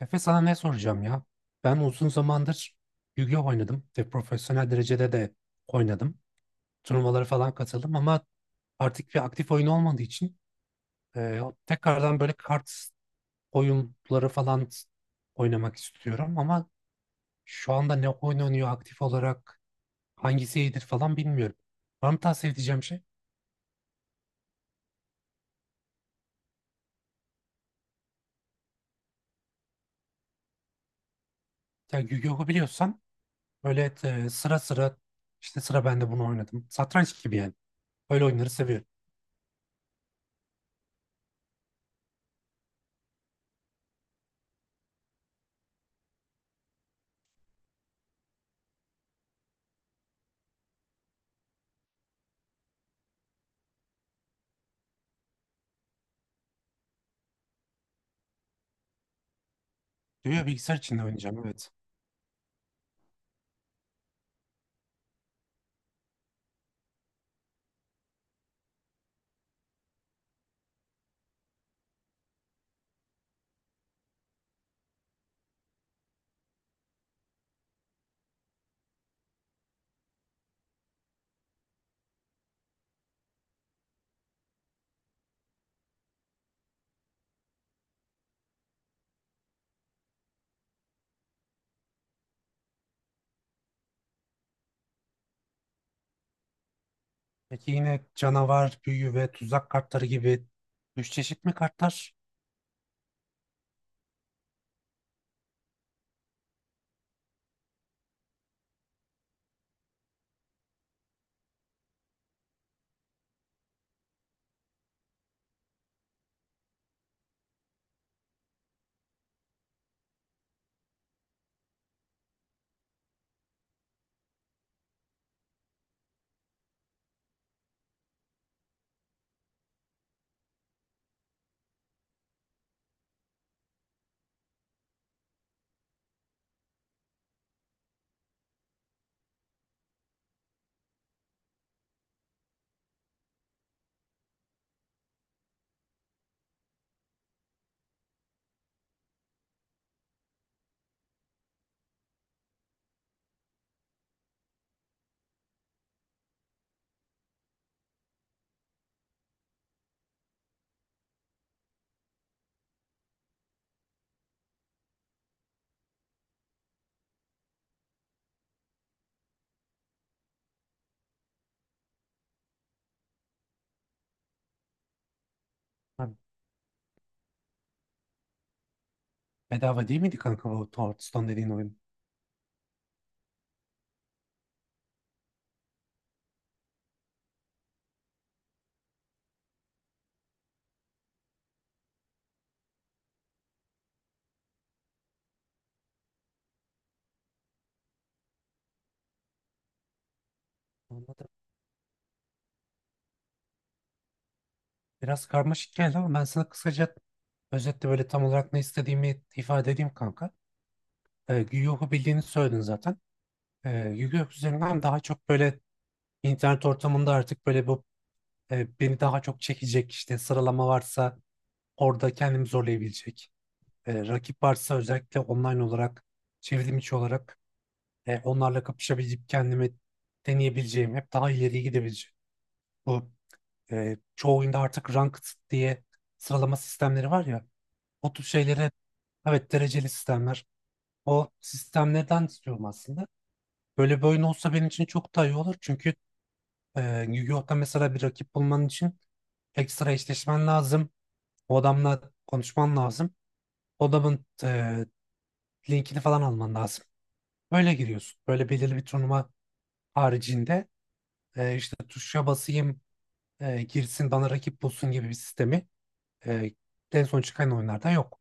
Efe sana ne soracağım ya? Ben uzun zamandır Yu-Gi-Oh oynadım ve profesyonel derecede de oynadım. Turnuvalara falan katıldım ama artık bir aktif oyun olmadığı için e, tekrardan böyle kart oyunları falan oynamak istiyorum ama şu anda ne oynanıyor aktif olarak hangisi iyidir falan bilmiyorum. Var mı tavsiye edeceğim şey? Ya Yu-Gi-Oh'u biliyorsan böyle sıra sıra işte sıra ben de bunu oynadım. Satranç gibi yani. Böyle oyunları seviyorum. Diyor ya, bilgisayar içinde oynayacağım evet. Peki yine canavar, büyü ve tuzak kartları gibi üç çeşit mi kartlar? Ha, bedava değil miydi kanka bu Hearthstone dediğin oyun? Anladım. Biraz karmaşık geldi ama ben sana kısaca özetle böyle tam olarak ne istediğimi ifade edeyim kanka. Yu-Gi-Oh'u bildiğini söyledin zaten. Ee, Yu-Gi-Oh üzerinden daha çok böyle internet ortamında artık böyle bu beni daha çok çekecek işte sıralama varsa orada kendimi zorlayabilecek. Rakip varsa özellikle online olarak çevrim içi olarak onlarla kapışabileceğim, kendimi deneyebileceğim, hep daha ileriye gidebileceğim. Bu çoğu oyunda artık ranked diye sıralama sistemleri var ya. O tür şeylere evet dereceli sistemler. O sistemlerden istiyorum aslında. Böyle bir oyun olsa benim için çok daha iyi olur. Çünkü e, Yu-Gi-Oh'ta mesela bir rakip bulman için ekstra eşleşmen lazım. O adamla konuşman lazım. O adamın linkini falan alman lazım. Böyle giriyorsun. Böyle belirli bir turnuva haricinde işte tuşa basayım girsin bana rakip bulsun gibi bir sistemi e, en son çıkan oyunlardan yok.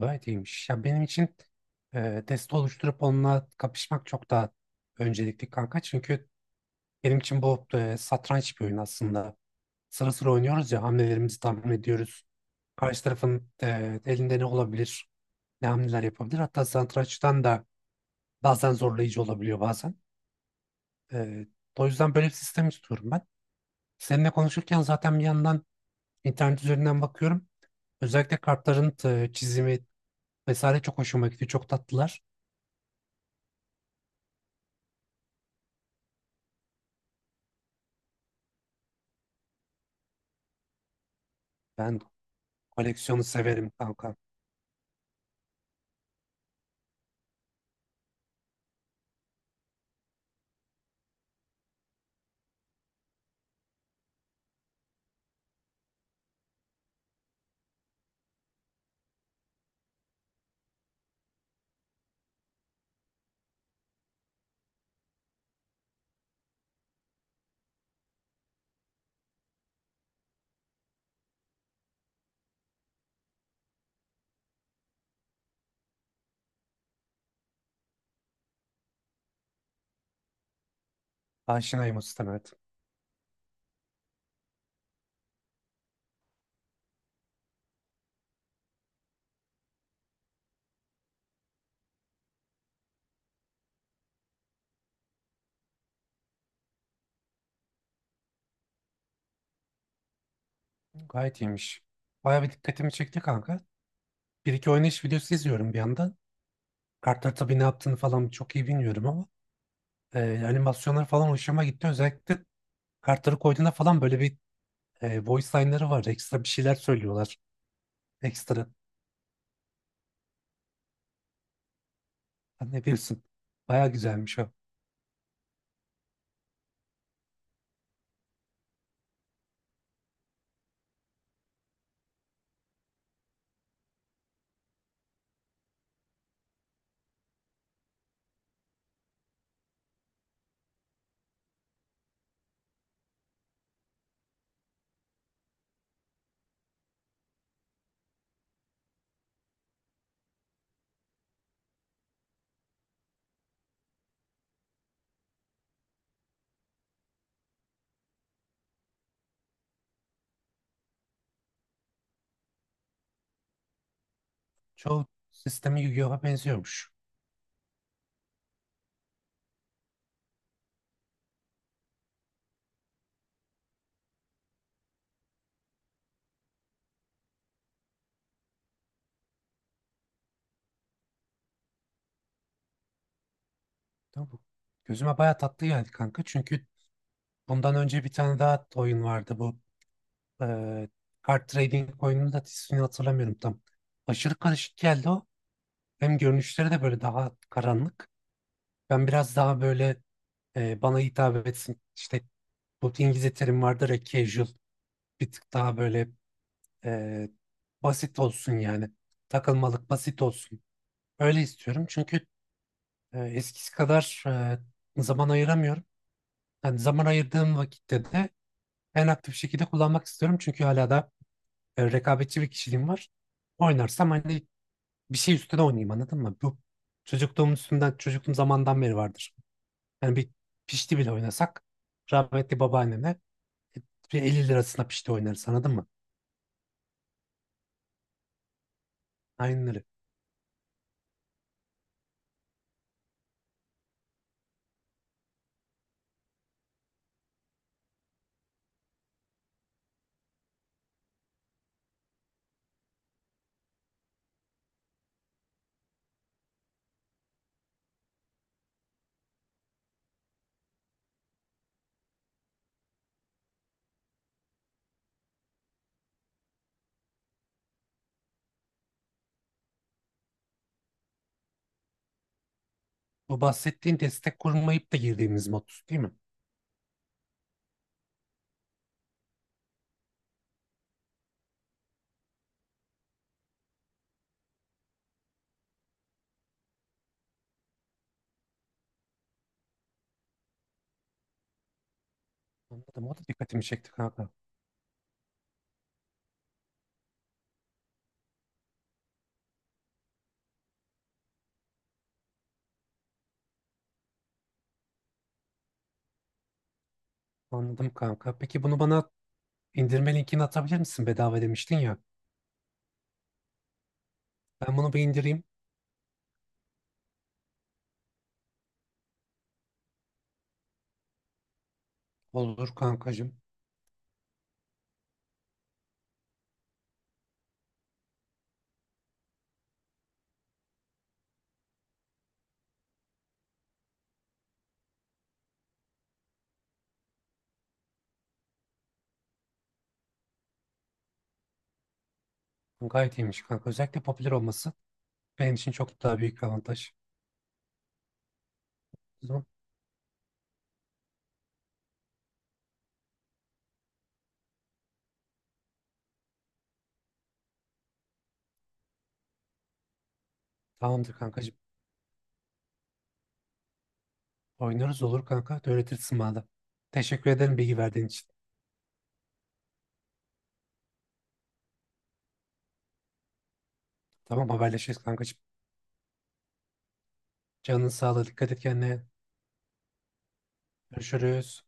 Gayet iyiymiş. Ya benim için deste oluşturup onunla kapışmak çok daha öncelikli kanka. Çünkü benim için bu satranç bir oyun aslında. Sıra sıra oynuyoruz ya hamlelerimizi tahmin ediyoruz. Karşı tarafın elinde ne olabilir, ne hamleler yapabilir. Hatta satrançtan da bazen zorlayıcı olabiliyor bazen. E, o yüzden böyle bir sistem istiyorum ben. Seninle konuşurken zaten bir yandan İnternet üzerinden bakıyorum. Özellikle kartların çizimi vesaire çok hoşuma gidiyor. Çok tatlılar. Ben koleksiyonu severim kanka. Aşinayım o sisteme, evet. Gayet iyiymiş. Bayağı bir dikkatimi çekti kanka. Bir iki oynayış videosu izliyorum bir yandan. Kartlar tabii ne yaptığını falan çok iyi bilmiyorum ama animasyonlar falan hoşuma gitti. Özellikle kartları koyduğunda falan böyle bir voice line'ları var. Ekstra bir şeyler söylüyorlar. Ekstra. Sen ne bilirsin. Bayağı güzelmiş o. Çoğu sistemi Yu-Gi-Oh'a benziyormuş. Tamam. Gözüme bayağı tatlı geldi kanka. Çünkü bundan önce bir tane daha oyun vardı bu. Eee kart trading oyununun da ismini hatırlamıyorum tam. Aşırı karışık geldi o. Hem görünüşleri de böyle daha karanlık. Ben biraz daha böyle bana hitap etsin. İşte bu İngilizce terim vardır ya, casual. Bir tık daha böyle eee, basit olsun yani. Takılmalık basit olsun. Öyle istiyorum çünkü eskisi kadar zaman ayıramıyorum. Yani zaman ayırdığım vakitte de en aktif şekilde kullanmak istiyorum. Çünkü hala da rekabetçi bir kişiliğim var. Oynarsam hani bir şey üstüne oynayayım, anladın mı? Bu çocukluğum üstünden, çocukluğum zamandan beri vardır. Yani bir pişti bile oynasak rahmetli babaannemle bir 50 lirasına pişti oynarız, anladın mı? Aynen öyle. Bu bahsettiğin destek kurmayıp da girdiğimiz mod değil mi? Anladım. O da dikkatimi çekti kanka. Anladım kanka. Peki bunu bana indirme linkini atabilir misin? Bedava demiştin ya. Ben bunu bir indireyim. Olur kankacığım. Gayet iyiymiş kanka. Özellikle popüler olması benim için çok daha büyük bir avantaj. O zaman tamamdır kankacığım. Oynarız olur kanka. Öğretirsin bana da. Teşekkür ederim bilgi verdiğin için. Tamam haberleşiriz kankacığım. Canın sağlığı. Dikkat et kendine. Görüşürüz.